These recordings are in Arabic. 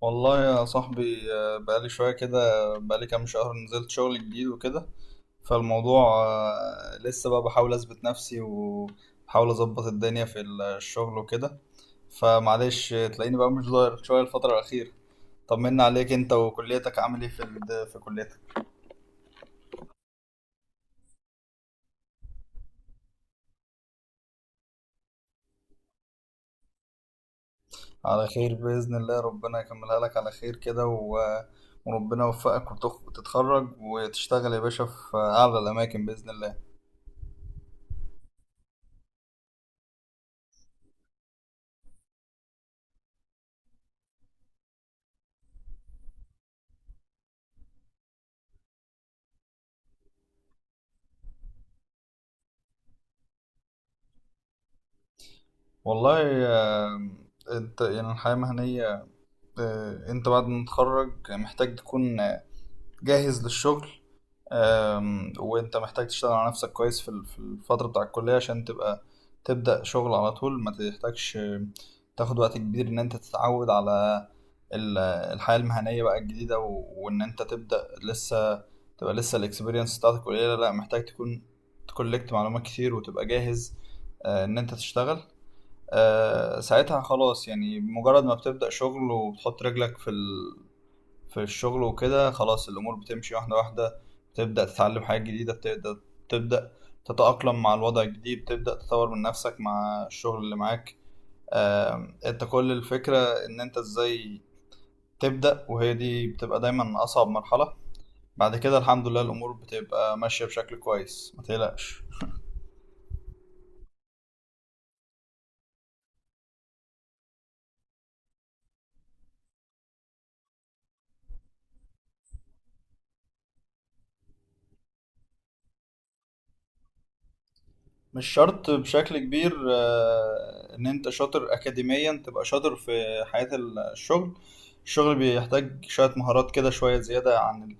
والله يا صاحبي، بقالي شوية كده. بقالي كام شهر نزلت شغل جديد وكده. فالموضوع لسه بقى بحاول أثبت نفسي وبحاول أظبط الدنيا في الشغل وكده. فمعلش، تلاقيني بقى مش ظاهر شوية الفترة الأخيرة. طمنا عليك، أنت وكليتك، عامل إيه في كليتك؟ على خير بإذن الله، ربنا يكملها لك على خير كده وربنا يوفقك وتتخرج وتشتغل يا باشا في أعلى الأماكن بإذن الله. والله، آه، انت يعني الحياة المهنية، انت بعد ما تتخرج محتاج تكون جاهز للشغل. وانت محتاج تشتغل على نفسك كويس في الفترة بتاع الكلية عشان تبقى تبدأ شغل على طول، ما تحتاجش تاخد وقت كبير ان انت تتعود على ال- الحياة المهنية بقى الجديدة وان انت تبدأ لسه تبقى لسه الاكسبيرينس بتاعتك قليلة. لا، محتاج تكون تكولكت معلومات كتير وتبقى جاهز ان انت تشتغل. ساعتها خلاص، يعني مجرد ما بتبدأ شغل وبتحط رجلك في الشغل وكده، خلاص الأمور بتمشي واحدة واحدة. بتبدأ تتعلم حاجات جديدة، تبدأ تتأقلم مع الوضع الجديد، تبدأ تطور من نفسك مع الشغل اللي معاك. انت كل الفكرة ان انت ازاي تبدأ، وهي دي بتبقى دايما أصعب مرحلة. بعد كده الحمد لله الأمور بتبقى ماشية بشكل كويس، ما تقلقش. مش شرط بشكل كبير ان انت شاطر اكاديميا تبقى شاطر في حياة الشغل. الشغل بيحتاج شوية مهارات كده، شوية زيادة عن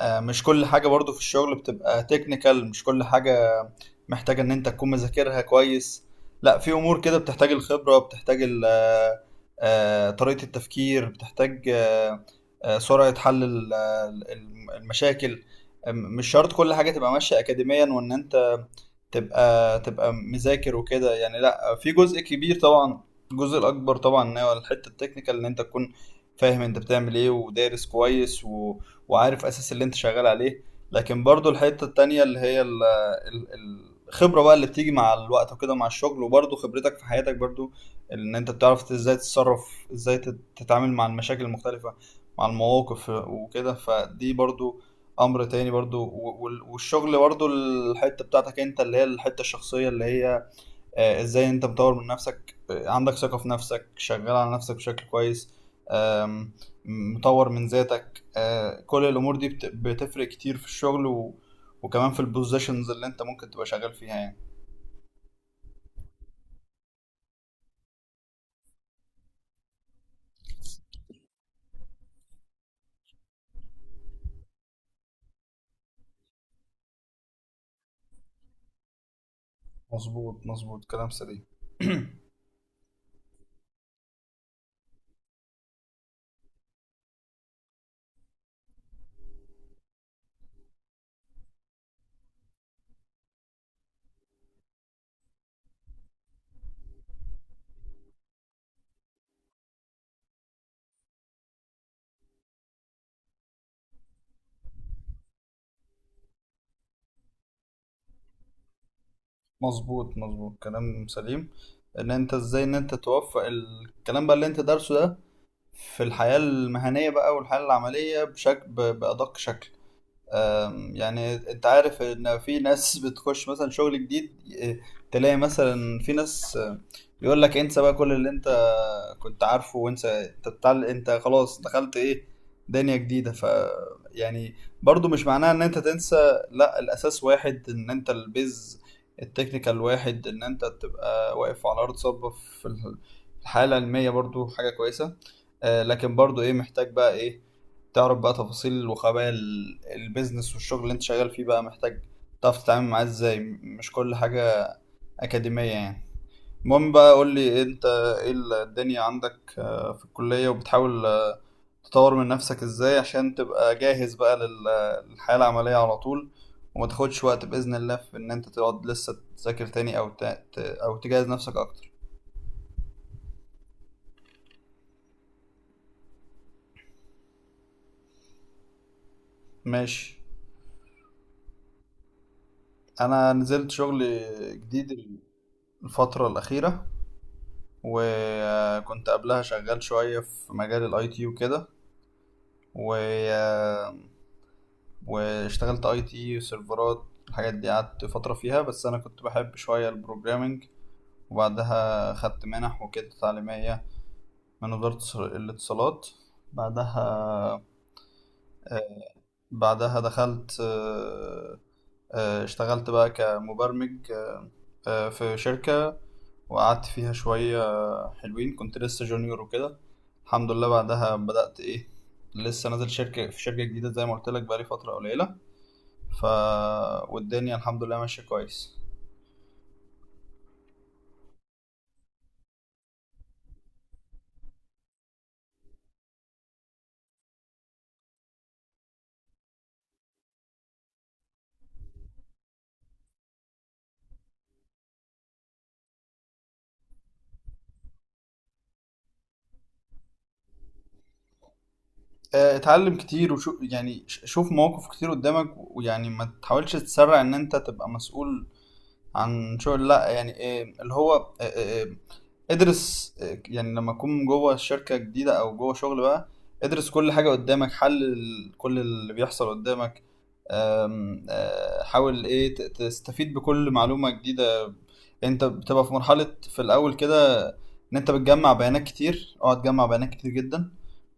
مش كل حاجة برضو في الشغل بتبقى تكنيكال، مش كل حاجة محتاجة ان انت تكون مذاكرها كويس. لا، في امور كده بتحتاج الخبرة، بتحتاج طريقة التفكير، بتحتاج سرعة حل المشاكل. مش شرط كل حاجة تبقى ماشية اكاديميا وان انت تبقى مذاكر وكده يعني. لا، في جزء كبير طبعا، الجزء الاكبر طبعا ان هو الحته التكنيكال، ان انت تكون فاهم انت بتعمل ايه ودارس كويس، و... وعارف اساس اللي انت شغال عليه. لكن برضو الحته التانية اللي هي الخبره بقى اللي بتيجي مع الوقت وكده مع الشغل، وبرضو خبرتك في حياتك برضو، ان انت بتعرف ازاي تتصرف، ازاي تتعامل مع المشاكل المختلفه، مع المواقف وكده. فدي برضو امر تاني برضو، والشغل برضو الحته بتاعتك انت اللي هي الحته الشخصيه، اللي هي ازاي انت مطور من نفسك، عندك ثقه في نفسك، شغال على نفسك بشكل كويس. آم، مطور من ذاتك، كل الامور دي بتفرق كتير في الشغل، وكمان في البوزيشنز اللي انت ممكن تبقى شغال فيها يعني. مظبوط مظبوط كلام سليم. مظبوط مظبوط كلام سليم. ان انت ازاي ان انت توفق الكلام بقى اللي انت دارسه ده في الحياة المهنية بقى والحياة العملية بشكل بأدق شكل. يعني انت عارف ان في ناس بتخش مثلا شغل جديد، تلاقي مثلا في ناس يقول لك انسى بقى كل اللي انت كنت عارفه، وانسى، انت انت خلاص دخلت ايه، دنيا جديدة. ف يعني برضو مش معناها ان انت تنسى. لا، الاساس واحد، ان انت البيز التكنيكال واحد، ان انت تبقى واقف على ارض صلبة في الح- الحالة العلمية برضو حاجة كويسة. لكن برضو ايه، محتاج بقى ايه تعرف بقى تفاصيل وخبايا البيزنس والشغل اللي انت شغال فيه بقى، محتاج تعرف تتعامل معاه ازاي، مش كل حاجة أكاديمية يعني. المهم بقى، قول لي انت ايه الدنيا عندك في الكلية، وبتحاول تطور من نفسك ازاي عشان تبقى جاهز بقى للحياة العملية على طول، وما تاخدش وقت بإذن الله في ان انت تقعد لسه تذاكر تاني، او او تجهز نفسك اكتر. ماشي. انا نزلت شغل جديد الفترة الأخيرة، وكنت قبلها شغال شوية في مجال الاي تي وكده. و... آه، واشتغلت اي تي، سيرفرات، الحاجات دي، قعدت فترة فيها، بس انا كنت بحب شوية البروجرامينج. وبعدها خدت منح وكده تعليمية من وزارة الاتصالات. بعدها آه، بعدها دخلت، اشتغلت بقى كمبرمج في شركة، وقعدت فيها شوية حلوين، كنت لسه جونيور وكده. الحمد لله بعدها بدأت إيه، لسه نازل في شركة جديدة زي ما قلت لك بقالي فترة قليلة. ف والدنيا الحمد لله ماشية كويس. اتعلم كتير وشوف يعني، شوف مواقف كتير قدامك، ويعني ما تحاولش تسرع ان انت تبقى مسؤول عن شغل. لا يعني إيه اللي هو، آه، آه، آه، ادرس. يعني لما تكون جوه شركة جديدة أو جوه شغل بقى ادرس كل حاجة قدامك، حلل كل اللي بيحصل قدامك. أم، أه، حاول ايه تستفيد بكل معلومة جديدة. انت بتبقى في مرحلة في الأول كده، إن أنت بتجمع بيانات كتير. اقعد جمع بيانات كتير جدا،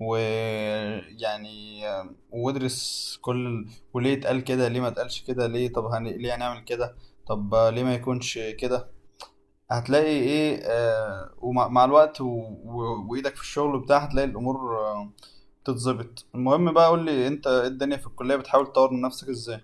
ويعني وادرس كل وليه اتقال كده، ليه ما اتقالش كده، ليه ليه هنعمل كده، طب ليه ما يكونش كده. هتلاقي ايه، آه ومع مع الوقت وايدك في الشغل وبتاع، هتلاقي الامور آه تتظبط. المهم بقى، قول لي انت إيه الدنيا في الكلية، بتحاول تطور من نفسك ازاي؟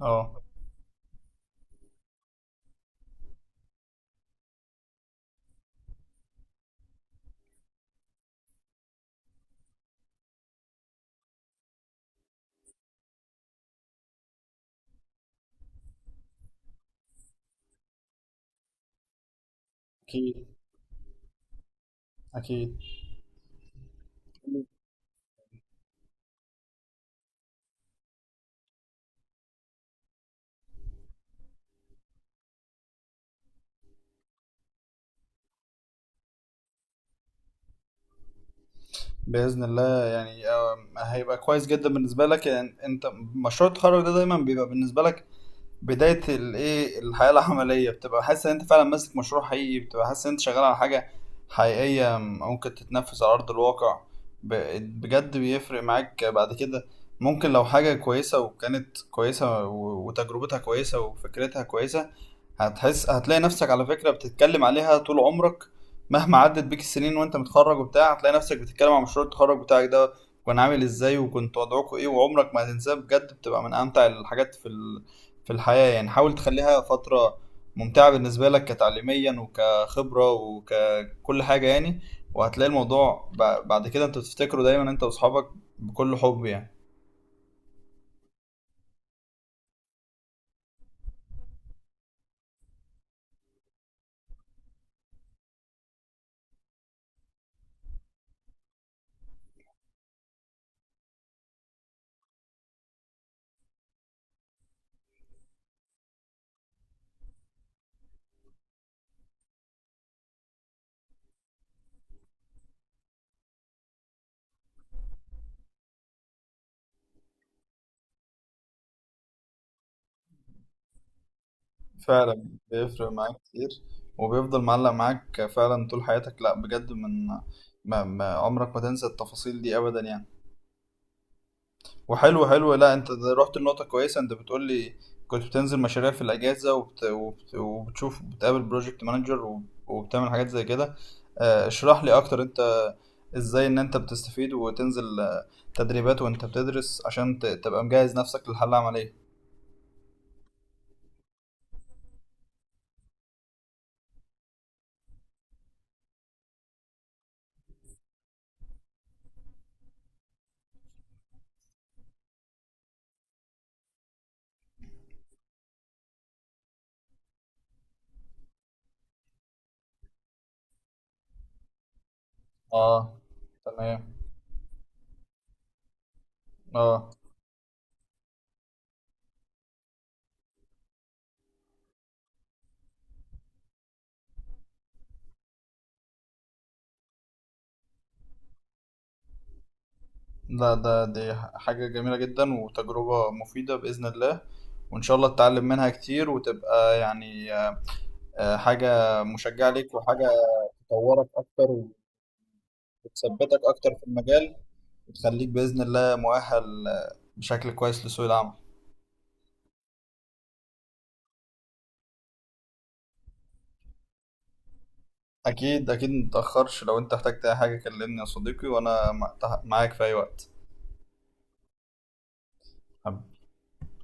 اه اكيد. اكيد باذن الله، يعني هيبقى كويس جدا بالنسبة لك، يعني انت مشروع التخرج ده دايما بيبقى بالنسبة لك بداية الحياة العملية، بتبقى حاسس ان انت فعلا ماسك مشروع حقيقي، بتبقى حاسس ان انت شغال على حاجة حقيقية ممكن تتنفذ على أرض الواقع. بجد بيفرق معاك بعد كده. ممكن لو حاجة كويسة، وكانت كويسة وتجربتها كويسة وفكرتها كويسة، هتحس، هتلاقي نفسك على فكرة بتتكلم عليها طول عمرك. مهما عدت بيك السنين وانت متخرج وبتاع، هتلاقي نفسك بتتكلم عن مشروع التخرج بتاعك ده، كان عامل ازاي، وكنت وضعكوا ايه. وعمرك ما هتنساه بجد، بتبقى من امتع الحاجات في الحياة يعني. حاول تخليها فترة ممتعة بالنسبة لك كتعليميا وكخبرة وككل حاجة يعني. وهتلاقي الموضوع بعد كده انت بتفتكره دايما انت واصحابك بكل حب يعني. فعلا بيفرق معاك كتير، وبيفضل معلق معاك فعلا طول حياتك. لا بجد، ما عمرك ما تنسى التفاصيل دي ابدا يعني. وحلو حلو. لا، انت ده رحت لنقطة كويسة، انت بتقول لي كنت بتنزل مشاريع في الأجازة وبتشوف، بتقابل بروجكت مانجر، وبتعمل حاجات زي كده. اشرح لي أكتر، انت ازاي ان انت بتستفيد وتنزل تدريبات وانت بتدرس عشان تبقى مجهز نفسك للحالة العملية. اه. تمام. اه. لا، دي حاجة جميلة جدا وتجربة مفيدة بإذن الله، وإن شاء الله تتعلم منها كتير، وتبقى يعني حاجة مشجعة ليك، وحاجة تطورك اكتر وتثبتك اكتر في المجال، وتخليك باذن الله مؤهل بشكل كويس لسوق العمل. اكيد اكيد، متتاخرش لو انت احتجت اي حاجه كلمني يا صديقي، وانا معاك في اي وقت.